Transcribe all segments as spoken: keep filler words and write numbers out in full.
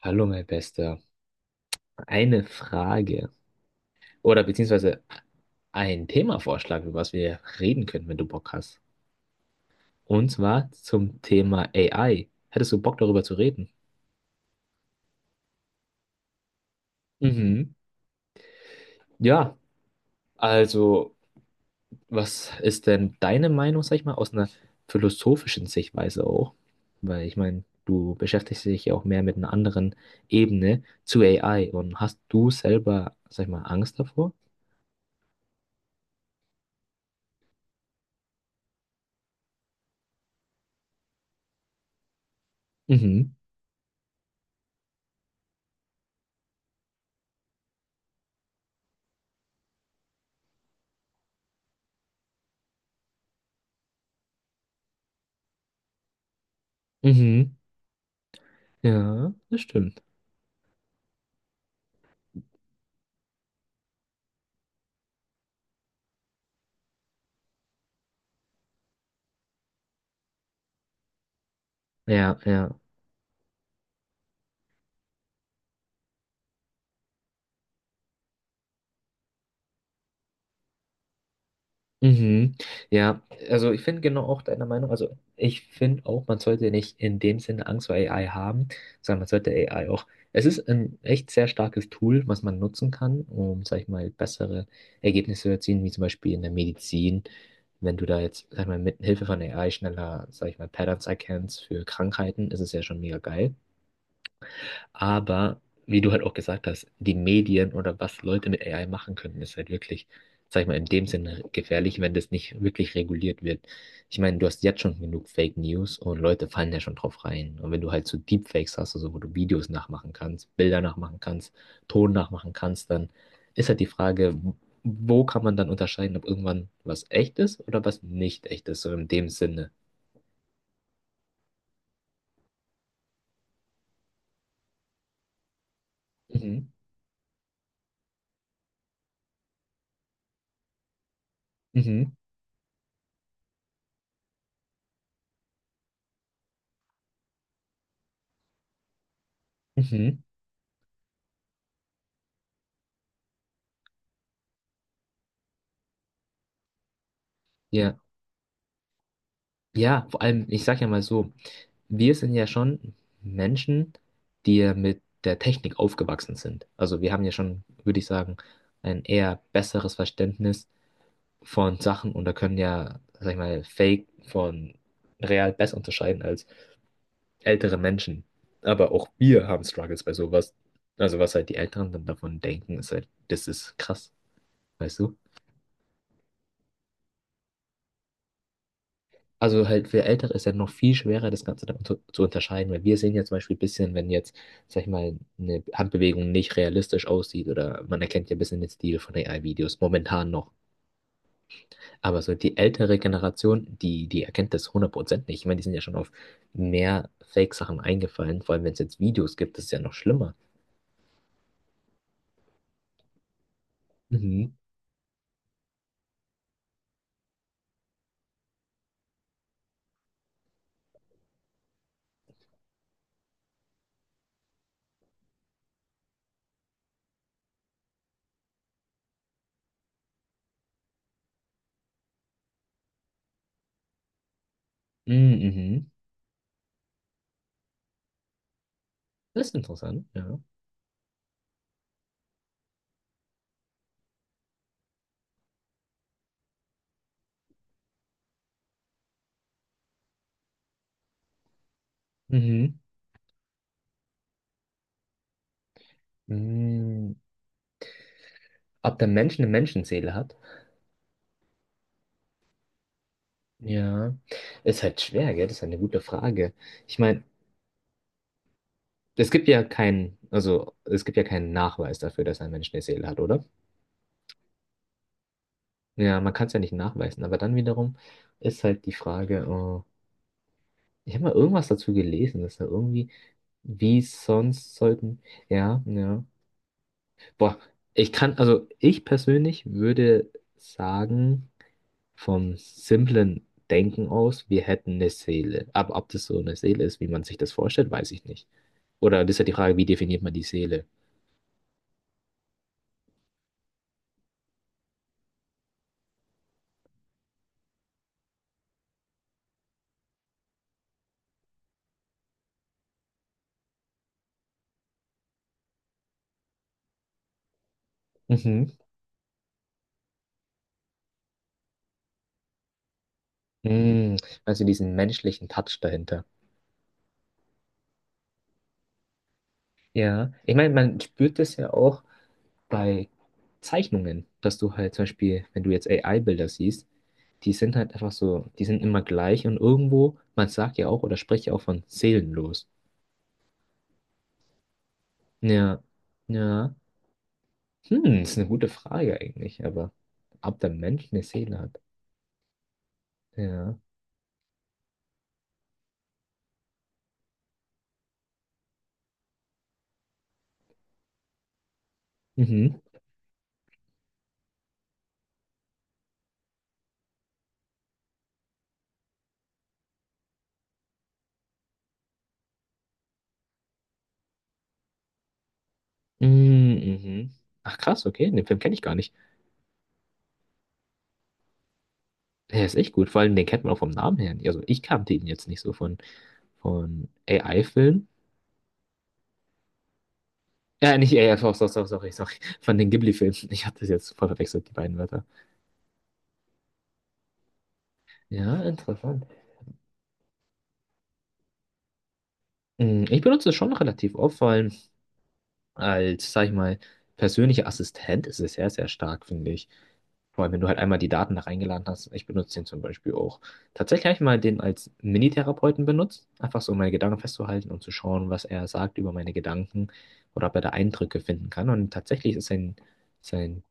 Hallo, mein Bester. Eine Frage oder beziehungsweise ein Themavorschlag, über was wir reden können, wenn du Bock hast. Und zwar zum Thema A I. Hättest du Bock, darüber zu reden? Mhm. Ja, also, was ist denn deine Meinung, sag ich mal, aus einer philosophischen Sichtweise auch? Weil ich meine, du beschäftigst dich ja auch mehr mit einer anderen Ebene zu A I, und hast du selber, sag ich mal, Angst davor? Mhm. Mhm. Ja, das stimmt. Ja, ja. Mhm. Ja, also ich finde genau auch deiner Meinung, also ich finde auch, man sollte nicht in dem Sinne Angst vor A I haben, sondern man sollte A I auch, es ist ein echt sehr starkes Tool, was man nutzen kann, um, sag ich mal, bessere Ergebnisse zu erzielen, wie zum Beispiel in der Medizin, wenn du da jetzt, sag ich mal, mit Hilfe von A I schneller, sag ich mal, Patterns erkennst für Krankheiten, ist es ja schon mega geil. Aber wie du halt auch gesagt hast, die Medien oder was Leute mit A I machen können, ist halt wirklich, sag ich mal, in dem Sinne gefährlich, wenn das nicht wirklich reguliert wird. Ich meine, du hast jetzt schon genug Fake News, und Leute fallen ja schon drauf rein. Und wenn du halt so Deepfakes hast, also wo du Videos nachmachen kannst, Bilder nachmachen kannst, Ton nachmachen kannst, dann ist halt die Frage, wo kann man dann unterscheiden, ob irgendwann was echt ist oder was nicht echt ist, so in dem Sinne. Mhm. Mhm. Mhm. Ja. Ja, vor allem, ich sag ja mal so, wir sind ja schon Menschen, die ja mit der Technik aufgewachsen sind. Also wir haben ja schon, würde ich sagen, ein eher besseres Verständnis von Sachen und da können ja, sag ich mal, Fake von real besser unterscheiden als ältere Menschen. Aber auch wir haben Struggles bei sowas. Also was halt die Älteren dann davon denken, ist halt, das ist krass, weißt du? Also halt für Ältere ist ja noch viel schwerer, das Ganze dann zu, zu unterscheiden, weil wir sehen ja zum Beispiel ein bisschen, wenn jetzt, sag ich mal, eine Handbewegung nicht realistisch aussieht oder man erkennt ja ein bisschen den Stil von A I-Videos, momentan noch. Aber so die ältere Generation, die, die erkennt das hundert Prozent nicht. Ich meine, die sind ja schon auf mehr Fake-Sachen eingefallen, vor allem wenn es jetzt Videos gibt, das ist ja noch schlimmer. Mhm. Mhm. Mhm. Das ist interessant, ja. Mhm. Mhm. Ob der Mensch eine Menschenseele hat? Ja, ist halt schwer, gell? Das ist eine gute Frage. Ich meine, es gibt ja keinen, also es gibt ja keinen Nachweis dafür, dass ein Mensch eine Seele hat, oder? Ja, man kann es ja nicht nachweisen, aber dann wiederum ist halt die Frage, äh, ich habe mal irgendwas dazu gelesen, dass da irgendwie, wie sonst sollten, ja, ja. Boah, ich kann, also ich persönlich würde sagen, vom simplen Denken aus, wir hätten eine Seele. Aber ob das so eine Seele ist, wie man sich das vorstellt, weiß ich nicht. Oder das ist ja die Frage, wie definiert man die Seele? Mhm. Mm, Also diesen menschlichen Touch dahinter. Ja, ich meine, man spürt das ja auch bei Zeichnungen, dass du halt zum Beispiel, wenn du jetzt A I-Bilder siehst, die sind halt einfach so, die sind immer gleich und irgendwo, man sagt ja auch oder spricht ja auch von seelenlos. Ja, ja. Hm, ist eine gute Frage eigentlich, aber ob der Mensch eine Seele hat. Ja. Mhm. Mm, Mhm. Ach krass, okay, den Film kenne ich gar nicht. Er ist echt gut, vor allem den kennt man auch vom Namen her nicht. Also ich kannte ihn jetzt nicht so von, von A I-Filmen. Ja, nicht A I, sorry, sorry, sorry, sorry, von den Ghibli-Filmen. Ich hatte das jetzt voll verwechselt, die beiden Wörter. Ja, interessant. Hm, Ich benutze es schon relativ oft, vor allem als, sag ich mal, persönlicher Assistent ist es sehr, sehr stark, finde ich. Vor allem, wenn du halt einmal die Daten da reingeladen hast. Ich benutze den zum Beispiel auch. Tatsächlich habe ich mal den als Minitherapeuten benutzt, einfach so um meine Gedanken festzuhalten und zu schauen, was er sagt über meine Gedanken oder ob er da Eindrücke finden kann. Und tatsächlich ist sein, sein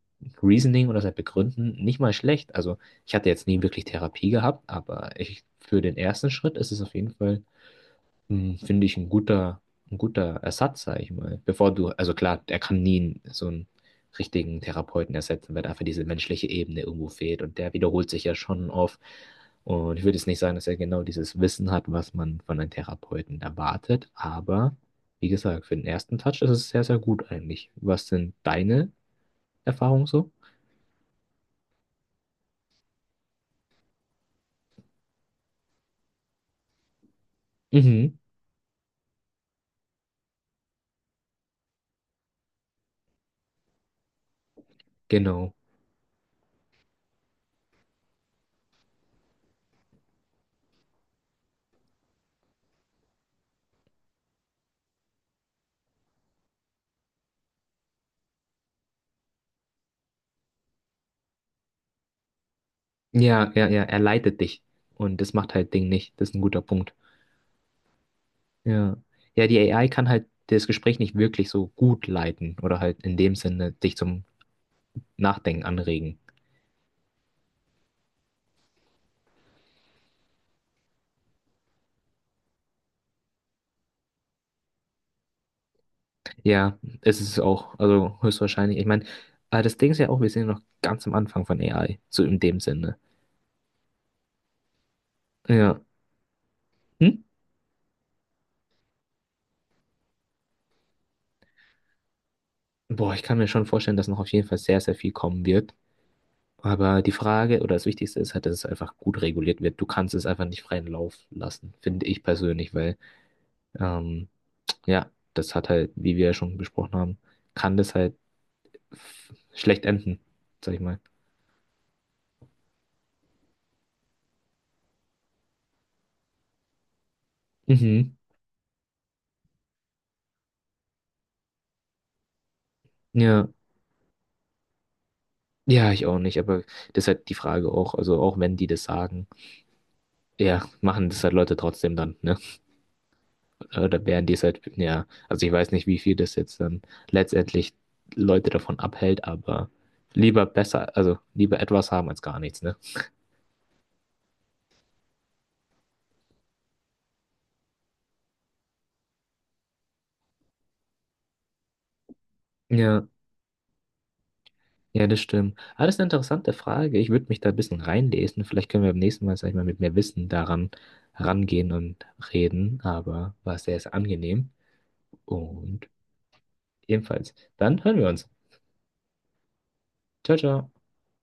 Reasoning oder sein Begründen nicht mal schlecht. Also ich hatte jetzt nie wirklich Therapie gehabt, aber ich, für den ersten Schritt ist es auf jeden Fall hm, finde ich ein guter, ein guter Ersatz, sag ich mal. Bevor du, also klar, er kann nie so einen richtigen Therapeuten ersetzen, weil einfach diese menschliche Ebene irgendwo fehlt und der wiederholt sich ja schon oft. Und ich würde jetzt nicht sagen, dass er genau dieses Wissen hat, was man von einem Therapeuten erwartet, aber wie gesagt, für den ersten Touch ist es sehr, sehr gut eigentlich. Was sind deine Erfahrungen so? Mhm, genau. Ja, ja, ja, er leitet dich und das macht halt Ding nicht. Das ist ein guter Punkt. Ja. Ja, die A I kann halt das Gespräch nicht wirklich so gut leiten oder halt in dem Sinne dich zum Nachdenken anregen. Ja, es ist auch, also höchstwahrscheinlich. Ich meine, aber das Ding ist ja auch, wir sind ja noch ganz am Anfang von A I, so in dem Sinne. Ja. Hm? Boah, ich kann mir schon vorstellen, dass noch auf jeden Fall sehr, sehr viel kommen wird. Aber die Frage oder das Wichtigste ist halt, dass es einfach gut reguliert wird. Du kannst es einfach nicht freien Lauf lassen, finde ich persönlich, weil, ähm, ja, das hat halt, wie wir ja schon besprochen haben, kann das halt schlecht enden, sag ich mal. Mhm. Ja, ja, ich auch nicht, aber das ist halt die Frage auch. Also auch wenn die das sagen, ja, machen das halt Leute trotzdem dann, ne? Oder werden die es halt, ja, also ich weiß nicht, wie viel das jetzt dann letztendlich Leute davon abhält, aber lieber besser, also lieber etwas haben als gar nichts, ne? Ja, ja, das stimmt. Ah, das ist eine interessante Frage. Ich würde mich da ein bisschen reinlesen. Vielleicht können wir beim nächsten Mal, sag ich mal, mit mehr Wissen daran rangehen und reden, aber war sehr, sehr angenehm. Und ebenfalls, dann hören wir uns. Ciao, ciao.